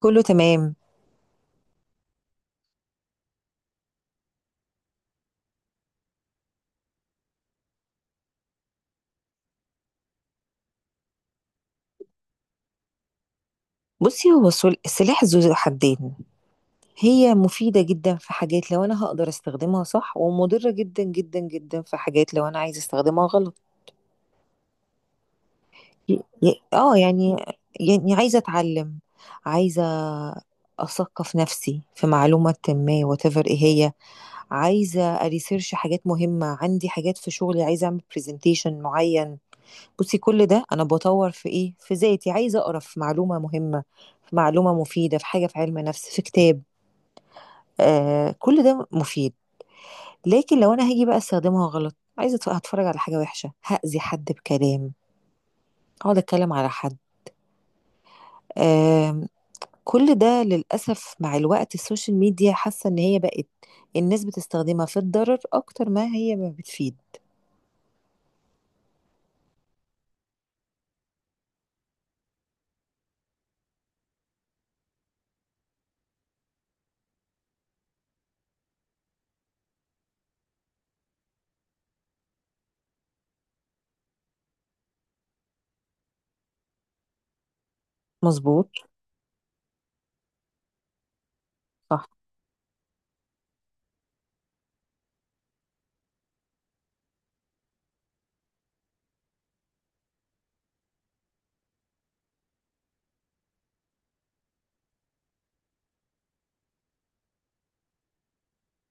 كله تمام. بصي هو السلاح ذو حدين. هي مفيدة جدا في حاجات لو أنا هقدر استخدمها صح، ومضرة جدا جدا جدا في حاجات لو أنا عايزة استخدمها غلط. ي- ي- اه يعني يعني عايزة أتعلم، عايزة أثقف نفسي في معلومة ما whatever إيه هي، عايزة أريسيرش حاجات مهمة، عندي حاجات في شغلي عايزة أعمل برزنتيشن معين. بصي كل ده انا بطور في ايه، في ذاتي، عايزه اقرا في معلومه مهمه، في معلومه مفيده، في حاجه في علم نفس، في كتاب. آه، كل ده مفيد. لكن لو انا هاجي بقى استخدمها غلط، عايزه هتفرج على حاجه وحشه، هاذي حد بكلام، اقعد اتكلم على حد، آه، كل ده للاسف. مع الوقت السوشيال ميديا حاسه ان هي بقت، الناس بتستخدمها في الضرر اكتر ما هي ما بتفيد. مظبوط. صح.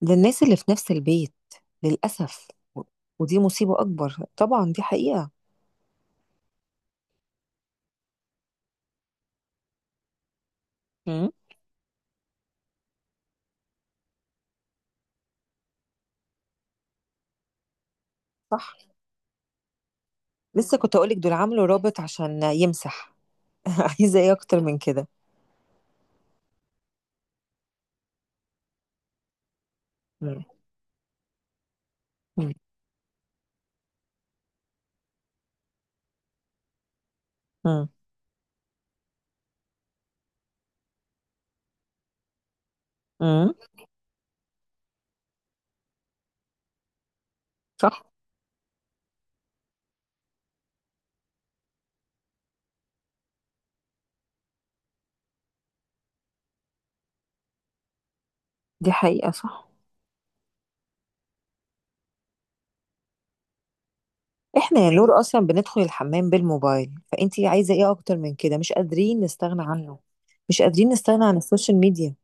للناس اللي في نفس البيت، للاسف. ودي مصيبة أكبر طبعا، دي حقيقة. مم. صح. لسه كنت اقولك دول عملوا رابط عشان يمسح. عايزه ايه اكتر من كده؟ مم. مم. مم. مم. صح، دي حقيقه، صح. احنا يا نور اصلا بندخل الحمام بالموبايل، فانتي عايزه ايه اكتر من كده؟ مش قادرين نستغنى عنه، مش قادرين نستغنى عن السوشيال ميديا.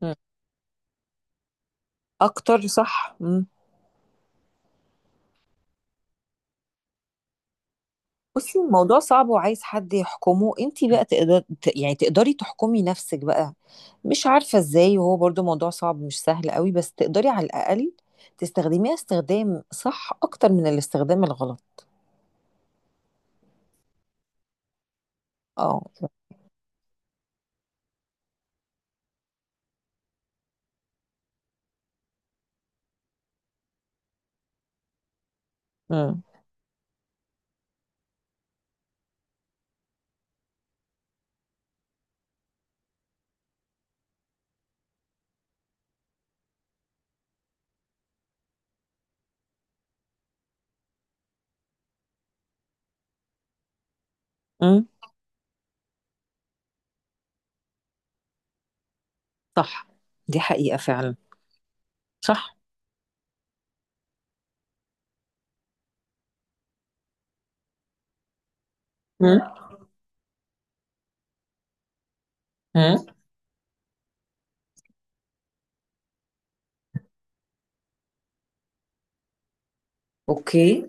مم. اكتر، صح. بصي الموضوع صعب وعايز حد يحكمه. انتي بقى تقدر تقدري تحكمي نفسك بقى، مش عارفة ازاي. وهو برضو موضوع صعب، مش سهل قوي، بس تقدري على الأقل تستخدميها استخدام صح أكتر من الاستخدام الغلط. اه. امم. امم. صح، دي حقيقة فعلا. صح. امم. امم. اوكي.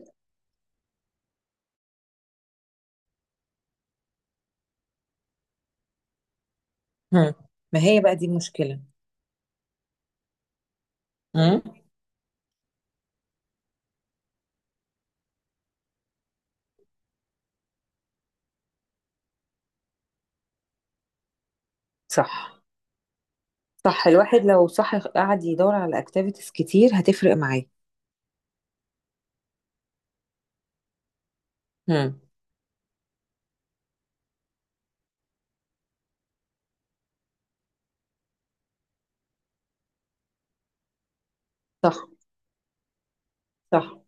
امم. ما هي بقى دي المشكلة. امم. صح. صح، الواحد لو صح قعد يدور على اكتيفيتيز كتير هتفرق معاه. امم. صح. صح.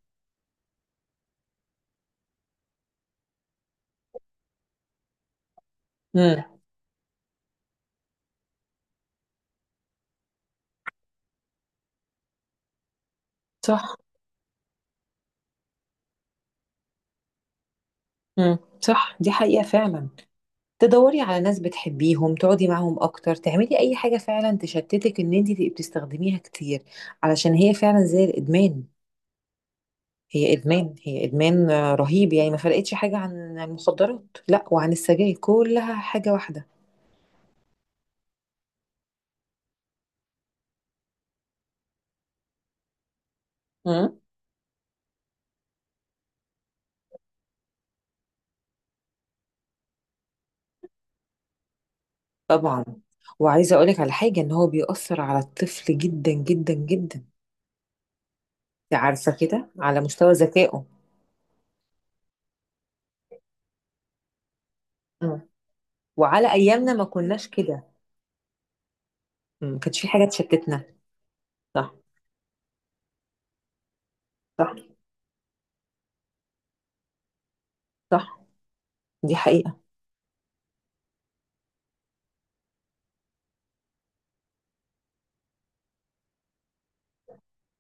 امم. صح. إمم، صح، دي حقيقة فعلًا. تدوّري على ناس بتحبيهم، تقعدي معاهم أكتر، تعملي أي حاجة فعلًا تشتتِك إن أنتِ تبقي بتستخدميها كتير، علشان هي فعلًا زي الإدمان. هي إدمان، هي إدمان، آه، رهيب، يعني ما فرقتش حاجة عن المخدرات، لأ وعن السجاير، كلّها حاجة واحدة. إمم. طبعًا. وعايزة أقول لِك على حاجة، إن هو بيأثّر على الطفل جدًا، جدًا، جدًا، أنتِ عارفة كده، على مستوى ذكائه. إمم. وعلى أيامنا ما كناش كده، إمم، ما كانش في حاجة تشتتنا. صح. صح. صح، دي حقيقة.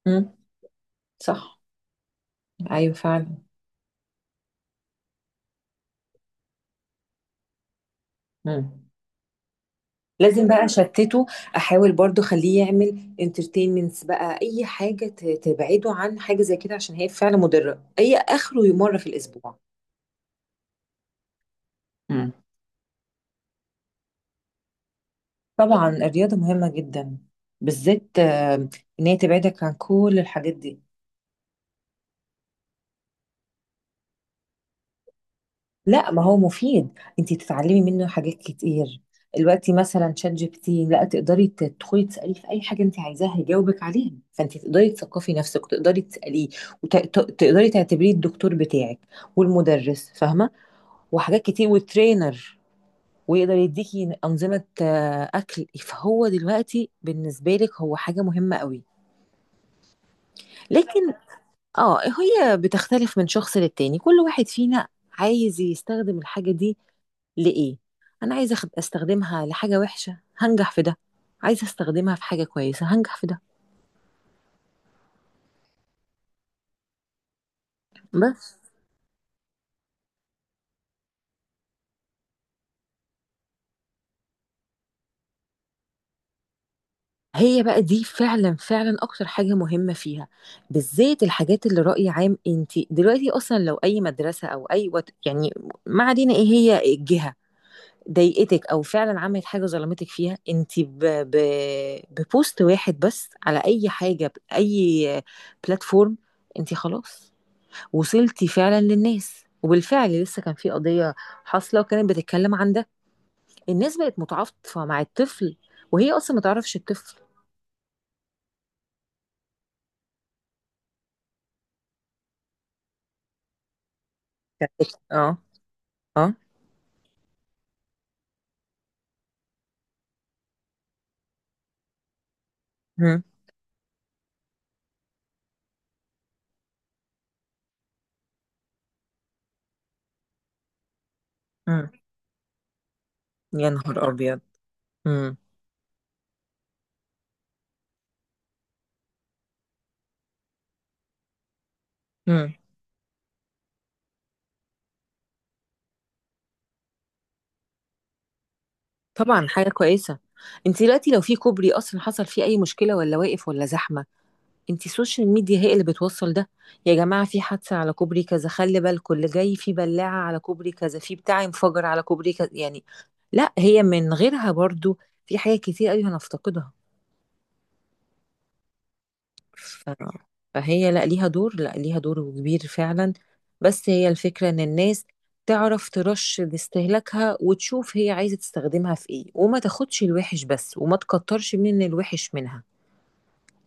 امم. صح. ايوه فعلا. امم. لازم بقى اشتته، احاول برضو اخليه يعمل انترتينمنتس بقى، اي حاجة تبعده عن حاجة زي كده، عشان هي فعلا مضرة. اي اخره مرة في الاسبوع. امم. طبعا الرياضة مهمة جدا، بالذات آه، ان هي تبعدك عن كل الحاجات دي. لا، ما هو مفيد، انت تتعلمي منه حاجات كتير. دلوقتي مثلا شات جي بي تي، لا تقدري تدخلي تساليه في اي حاجه انت عايزاها يجاوبك عليها، فانت تقدري تثقفي نفسك وتقدري تساليه، وتقدري تعتبريه الدكتور بتاعك والمدرس، فاهمه؟ وحاجات كتير، والترينر، ويقدر يديكي انظمه آه، اكل. فهو دلوقتي بالنسبه لك هو حاجه مهمه قوي. لكن اه هي بتختلف من شخص للتاني، كل واحد فينا عايز يستخدم الحاجه دي لإيه. أنا عايزة أخد أستخدمها لحاجة وحشة هنجح في ده، عايزة أستخدمها في حاجة كويسة هنجح في ده. بس هي بقى دي فعلا فعلا أكتر حاجة مهمة فيها، بالذات الحاجات اللي رأي عام. أنت دلوقتي أصلا لو أي مدرسة أو أي وات، يعني ما علينا إيه هي الجهة، ضايقتك او فعلا عملت حاجه ظلمتك فيها، انت ببوست واحد بس على اي حاجه، باي بلاتفورم، انت خلاص وصلتي فعلا للناس. وبالفعل لسه كان في قضية حاصلة وكانت بتتكلم عن ده، الناس بقت متعاطفة مع الطفل وهي أصلا ما تعرفش الطفل. اه. اه. مم. مم. يا نهار أبيض. مم. مم. طبعا حاجة كويسة. انت دلوقتي لو في كوبري أصلا حصل فيه أي مشكلة ولا واقف ولا زحمة، انتي السوشيال ميديا هي اللي بتوصل ده. يا جماعة في حادثة على كوبري كذا، خلي بالكم اللي جاي في بلاعة على كوبري كذا، في بتاع انفجر على كوبري كذا، يعني لا هي من غيرها برضو في حاجات كتير قوي هنفتقدها. ف... فهي لا ليها دور، لا ليها دور كبير فعلا. بس هي الفكرة ان الناس تعرف ترش لاستهلاكها، وتشوف هي عايزة تستخدمها في ايه، وما تاخدش الوحش بس، وما تكترش من الوحش منها،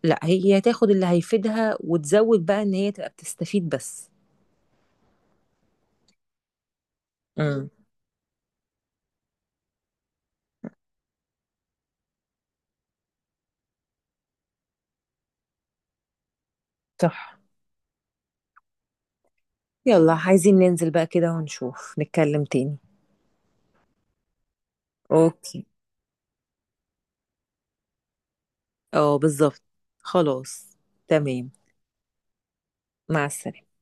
لا هي تاخد اللي هيفيدها وتزود بقى ان هي تبقى بتستفيد بس. امم. صح. يلا عايزين ننزل بقى كده ونشوف، نتكلم تاني. اوكي. اه بالظبط. خلاص. تمام. مع السلامة.